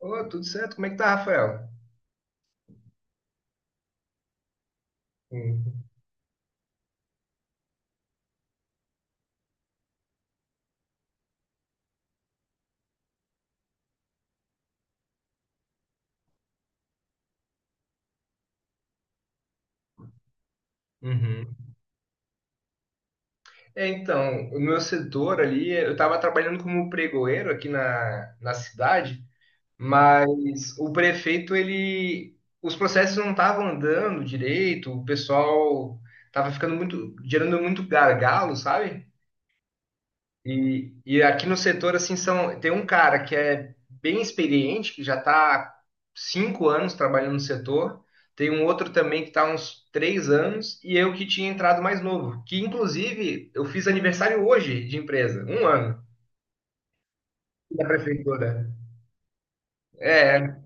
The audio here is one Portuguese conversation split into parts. Ô, tudo certo? Como é que tá, Rafael? Uhum. Uhum. É, então, o meu setor ali, eu estava trabalhando como pregoeiro aqui na cidade, mas o prefeito, ele, os processos não estavam andando direito, o pessoal estava ficando muito, gerando muito gargalo, sabe? E aqui no setor, assim, são, tem um cara que é bem experiente, que já está há 5 anos trabalhando no setor, tem um outro também que está há uns 3 anos, e eu que tinha entrado mais novo, que inclusive eu fiz aniversário hoje de empresa, um ano da prefeitura. É,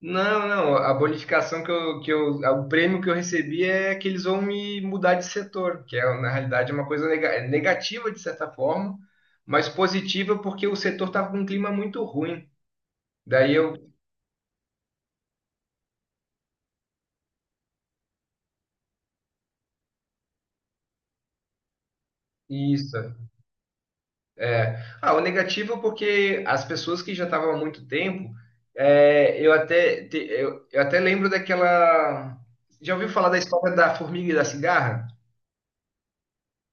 não, não, a bonificação que eu, o prêmio que eu recebi é que eles vão me mudar de setor, que é, na realidade, é uma coisa é negativa, de certa forma, mas positiva porque o setor estava com um clima muito ruim. Daí eu, isso, é. Ah, o negativo é porque as pessoas que já estavam há muito tempo, é, eu até, eu até lembro daquela, já ouviu falar da história da formiga e da cigarra?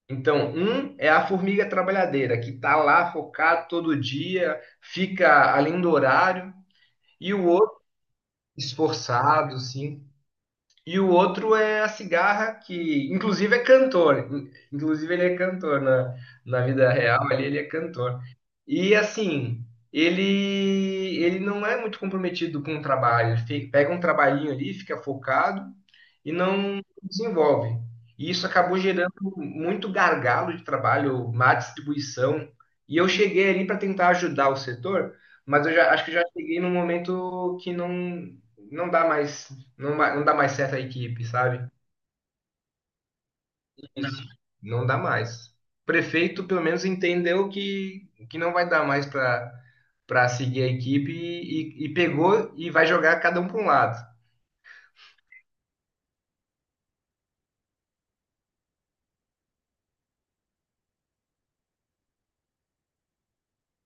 Então, um é a formiga trabalhadeira, que está lá focado todo dia, fica além do horário, e o outro, esforçado, sim, e o outro é a cigarra, que inclusive é cantor. Inclusive ele é cantor na vida real, ali ele é cantor. E assim, ele não é muito comprometido com o trabalho. Ele pega um trabalhinho ali, fica focado e não desenvolve. E isso acabou gerando muito gargalo de trabalho, má distribuição. E eu cheguei ali para tentar ajudar o setor, mas eu já acho que já cheguei num momento que não dá mais não, não dá mais certo a equipe, sabe? Isso. Não dá mais. O prefeito, pelo menos, entendeu que não vai dar mais para seguir a equipe e pegou e vai jogar cada um para um lado.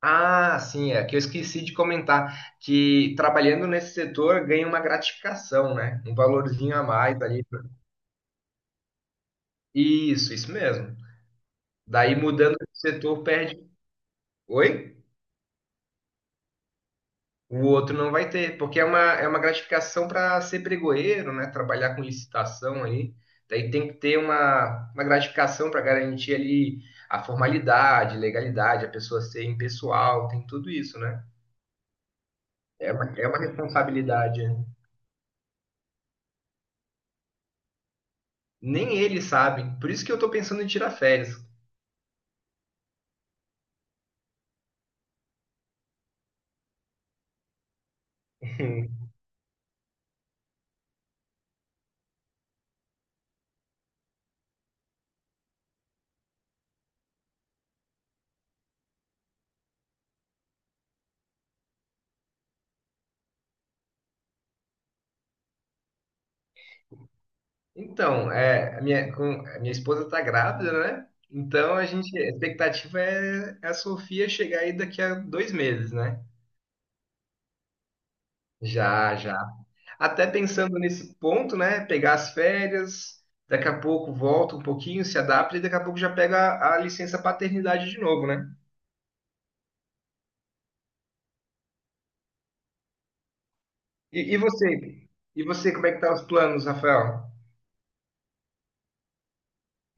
Ah, sim, é que eu esqueci de comentar que trabalhando nesse setor ganha uma gratificação, né? Um valorzinho a mais ali. Isso mesmo. Daí mudando de setor perde. Oi? O outro não vai ter, porque é uma gratificação para ser pregoeiro, né? Trabalhar com licitação aí. Daí tem que ter uma gratificação para garantir ali a formalidade, legalidade, a pessoa ser impessoal, tem tudo isso, né? É uma responsabilidade. Nem ele sabe. Por isso que eu tô pensando em tirar férias. Então, é, a minha esposa tá grávida, né? Então a gente, a expectativa é a Sofia chegar aí daqui a 2 meses, né? Já, já. Até pensando nesse ponto, né? Pegar as férias, daqui a pouco volta um pouquinho, se adapta e daqui a pouco já pega a licença paternidade de novo, né? E você? E você, como é que tá os planos, Rafael?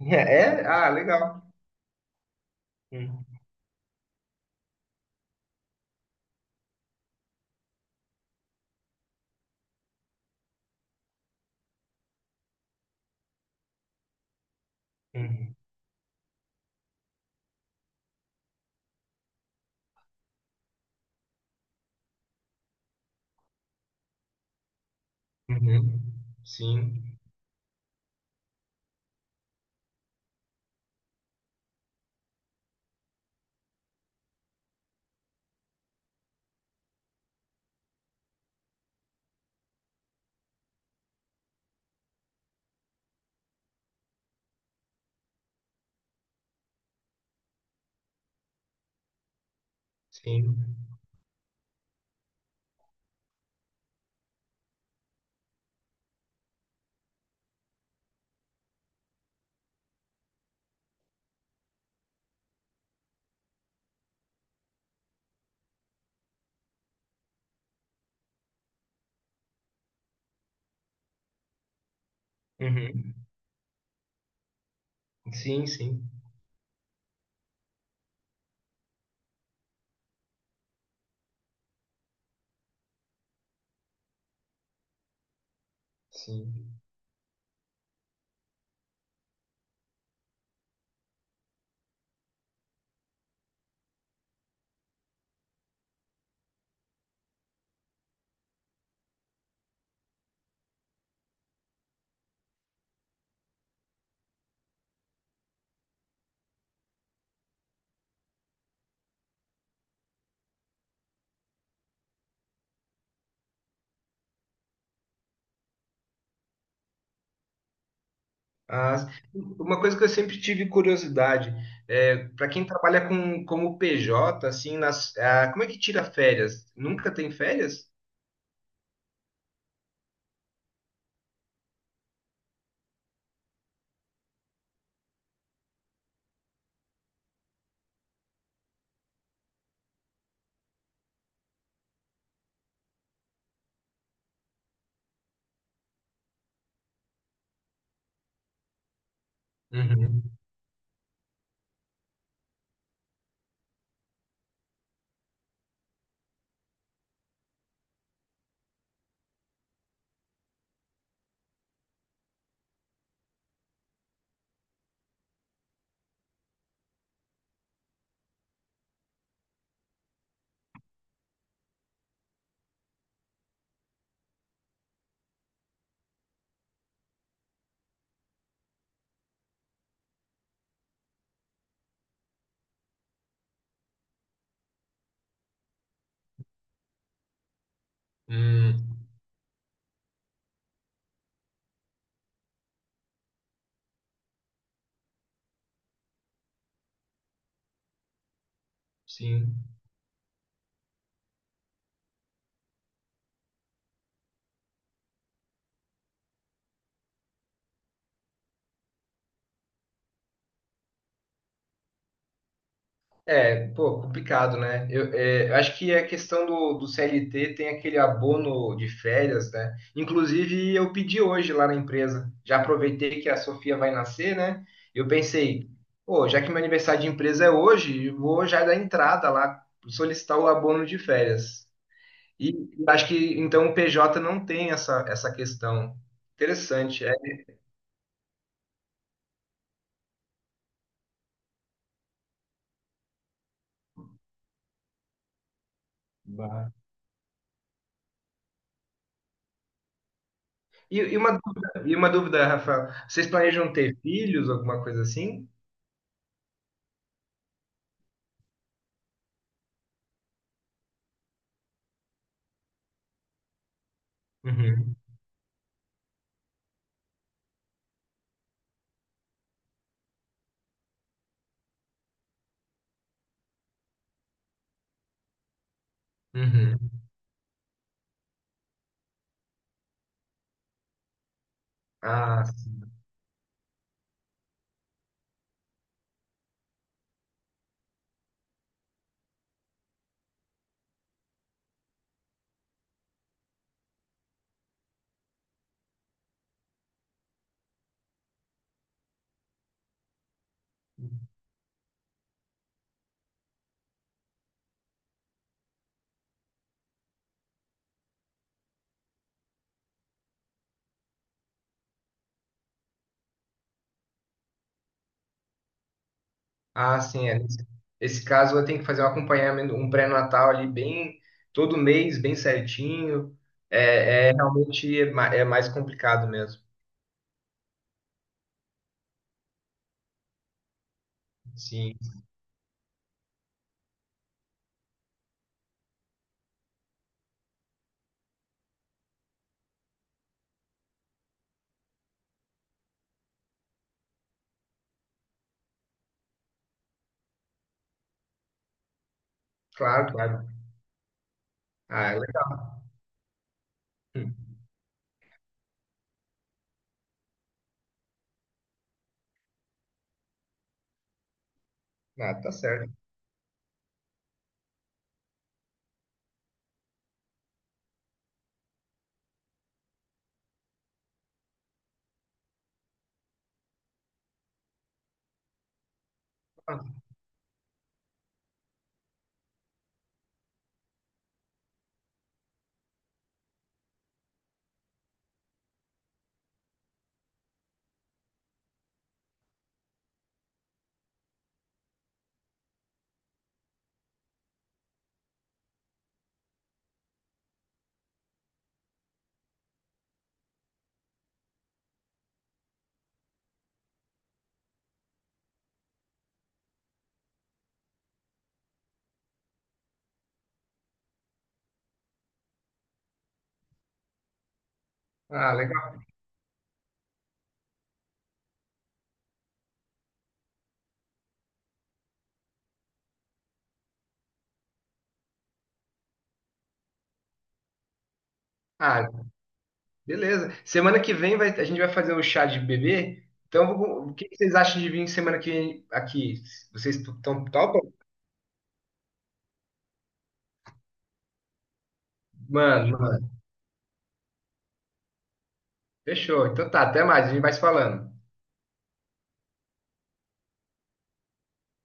É? Ah, legal. Hum, uhum, uhum. Sim, sim. Uhum. Sim, sim, sim. Ah, uma coisa que eu sempre tive curiosidade, é, para quem trabalha com, como PJ, assim, nas, ah, como é que tira férias? Nunca tem férias? Uhum. Hum, sim. É, pô, complicado, né? Eu acho que a questão do CLT tem aquele abono de férias, né? Inclusive, eu pedi hoje lá na empresa. Já aproveitei que a Sofia vai nascer, né? Eu pensei, pô, já que meu aniversário de empresa é hoje, eu vou já dar entrada lá, solicitar o abono de férias. E eu acho que, então, o PJ não tem essa questão. Interessante, é. E uma dúvida, Rafael. Vocês planejam ter filhos, alguma coisa assim? Uhum. Uhum. Ah, s- ah, sim, é. Nesse esse caso eu tenho que fazer um acompanhamento, um pré-natal ali bem todo mês, bem certinho. É realmente é mais complicado mesmo. Sim, claro, claro. Ah, hum. Ah, tá certo. Ah, ah, legal. Ah, beleza. Semana que vem a gente vai fazer o chá de bebê. Então, o que que vocês acham de vir semana que vem aqui? Vocês estão topam? Mano, mano. Fechou. Então tá, até mais. A gente vai se falando.